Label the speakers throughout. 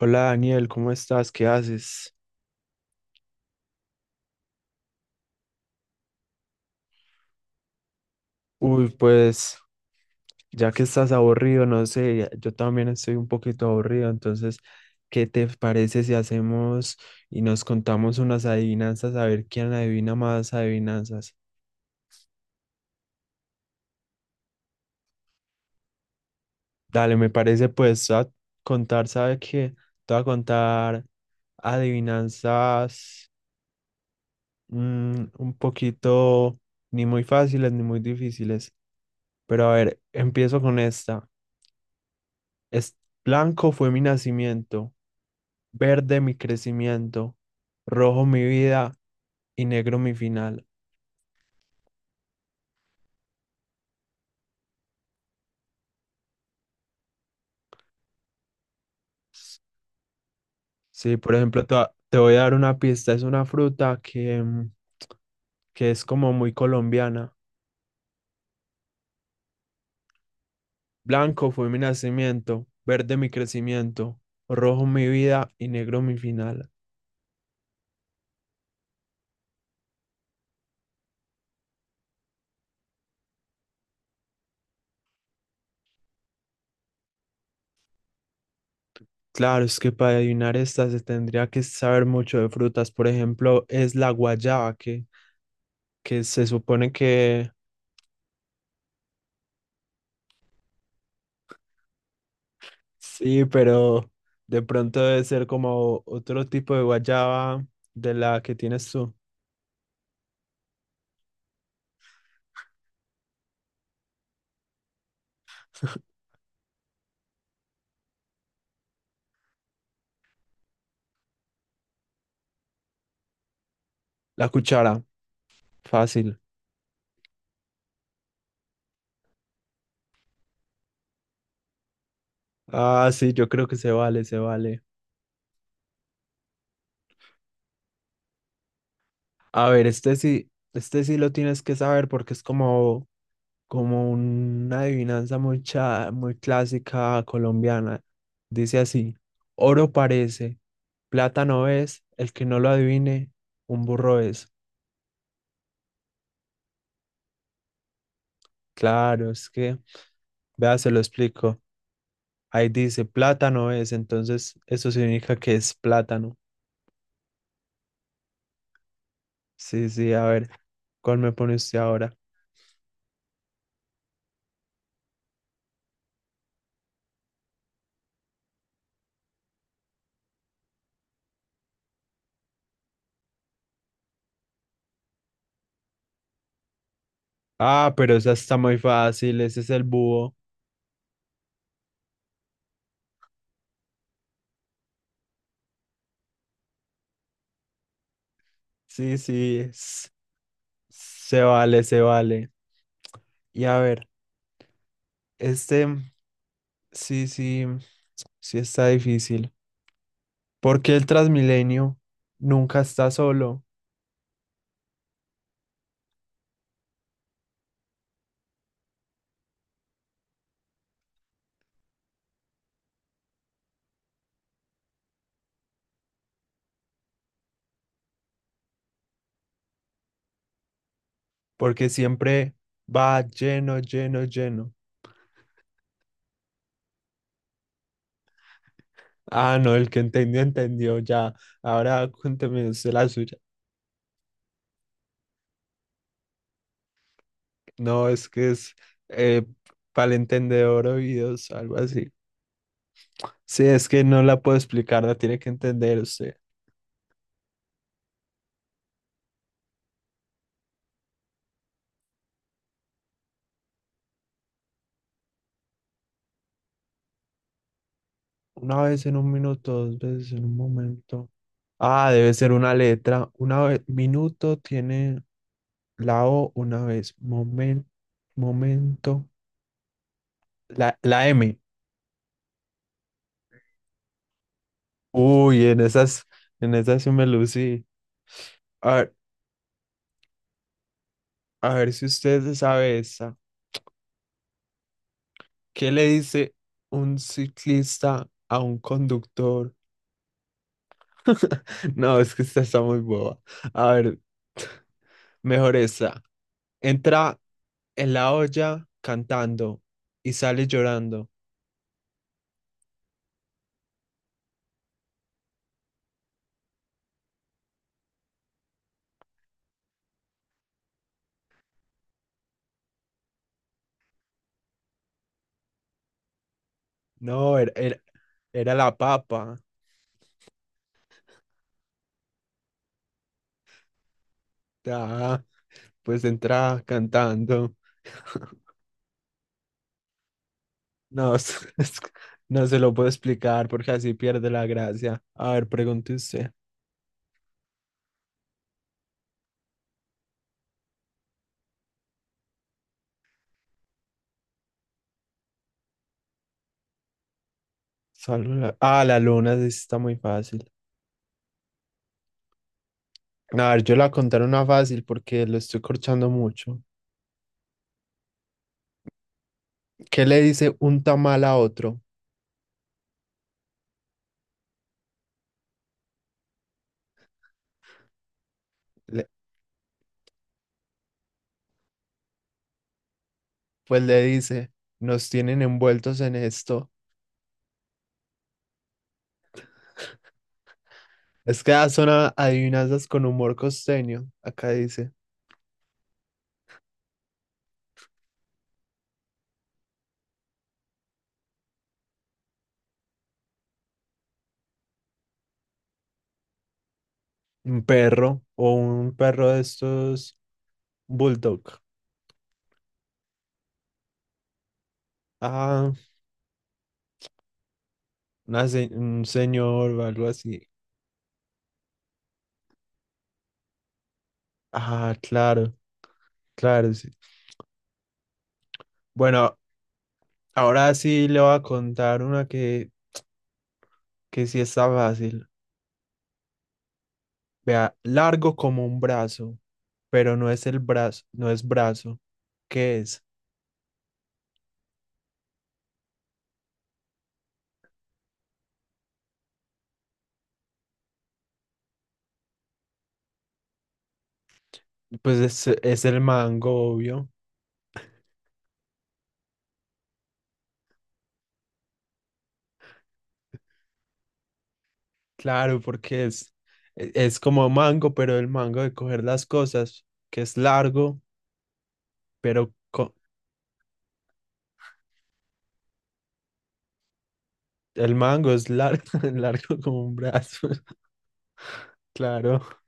Speaker 1: Hola Daniel, ¿cómo estás? ¿Qué haces? Uy, pues ya que estás aburrido, no sé, yo también estoy un poquito aburrido, entonces, ¿qué te parece si hacemos y nos contamos unas adivinanzas a ver quién adivina más adivinanzas? Dale, me parece pues a contar, ¿sabe qué? Te voy a contar adivinanzas un poquito ni muy fáciles ni muy difíciles, pero a ver, empiezo con esta. Es blanco fue mi nacimiento, verde mi crecimiento, rojo mi vida y negro mi final. Sí, por ejemplo, te voy a dar una pista. Es una fruta que, que es como muy colombiana. Blanco fue mi nacimiento, verde mi crecimiento, rojo mi vida y negro mi final. Claro, es que para adivinar esta se tendría que saber mucho de frutas. Por ejemplo, es la guayaba, que se supone que sí, pero de pronto debe ser como otro tipo de guayaba de la que tienes tú. La cuchara, fácil. Ah, sí, yo creo que se vale, se vale. A ver, este sí lo tienes que saber porque es como, como una adivinanza muy, muy clásica colombiana. Dice así, oro parece, plata no es, el que no lo adivine, un burro es. Claro, es que, vea, se lo explico. Ahí dice plátano es, entonces eso significa que es plátano. Sí, sí, a ver, ¿cuál me pone usted ahora? Ah, pero esa está muy fácil, ese es el búho. Sí, sí, es- Se vale, se vale. Y a ver, este, sí, sí, sí está difícil. ¿Por qué el Transmilenio nunca está solo? Porque siempre va lleno, lleno, lleno. Ah, no, el que entendió, entendió, ya. Ahora cuénteme usted la suya. No, es que es eh, para el entendedor oídos, algo así. Sí, es que no la puedo explicar, la tiene que entender usted. Una vez en un minuto, dos veces en un momento. Ah, debe ser una letra. Una vez, minuto tiene la O una vez. Momento, momento. La M. Uy, en esas sí me lucí. A ver, a ver si usted se sabe esa. ¿Qué le dice un ciclista a un conductor? No, es que esta está muy boba. A ver, mejor esta. Entra en la olla cantando y sale llorando. No, era, era, era la papa. Ah, pues entra cantando. No, es que no se lo puedo explicar porque así pierde la gracia. A ver, pregunte usted. Ah, la luna, sí está muy fácil. A ver, yo la contaré una fácil porque lo estoy corchando mucho. ¿Qué le dice un tamal a otro? Le- pues le dice, nos tienen envueltos en esto. Es que ya son adivinanzas con humor costeño. Acá dice, un perro o un perro de estos bulldog. Ah, un señor o algo así. Ah, claro, claro, sí. Bueno, ahora sí le voy a contar una que sí está fácil. Vea, largo como un brazo, pero no es el brazo, no es brazo. ¿Qué es? Pues es el mango, obvio. Claro, porque es, es como mango, pero el mango de coger las cosas, que es largo, pero el mango es largo, largo como un brazo. Claro.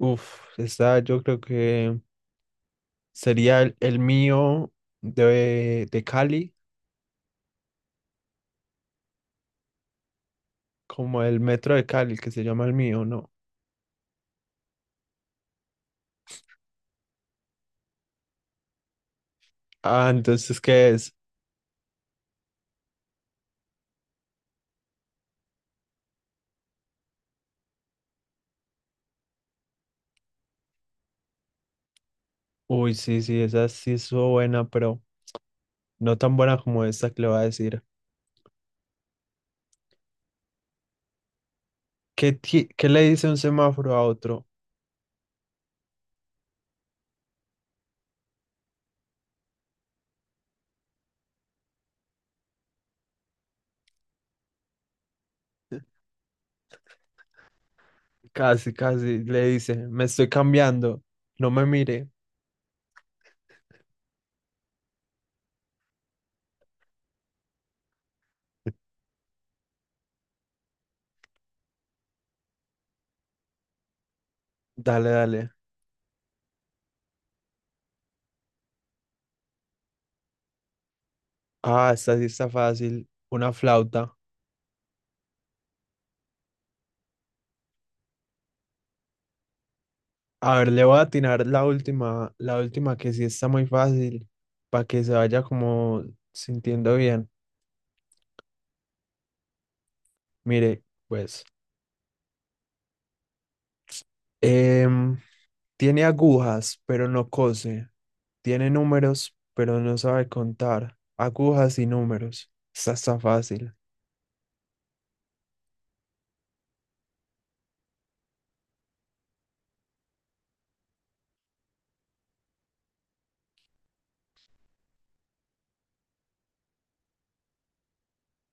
Speaker 1: Uf, está, yo creo que sería el mío de Cali, como el metro de Cali, que se llama el mío, ¿no? Ah, entonces, ¿qué es? Uy, sí, sí, esa sí estuvo buena, pero no tan buena como esta que le voy a decir. ¿Qué le dice un semáforo a otro? Casi, casi le dice, me estoy cambiando, no me mire. Dale, dale. Ah, esta sí está fácil, una flauta. A ver, le voy a atinar la última que sí está muy fácil, para que se vaya como sintiendo bien. Mire, pues, em, tiene agujas, pero no cose. Tiene números, pero no sabe contar. Agujas y números. Esa está fácil.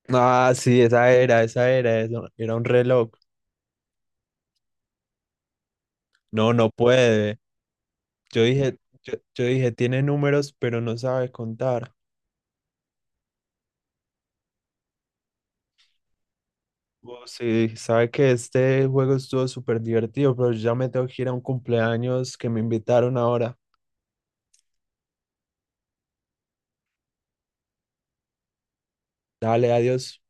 Speaker 1: Ah, sí, esa era, eso era un reloj. No, no puede. Yo dije, yo dije, tiene números, pero no sabe contar. Oh, sí, sabe que este juego estuvo súper divertido, pero yo ya me tengo que ir a un cumpleaños que me invitaron ahora. Dale, adiós.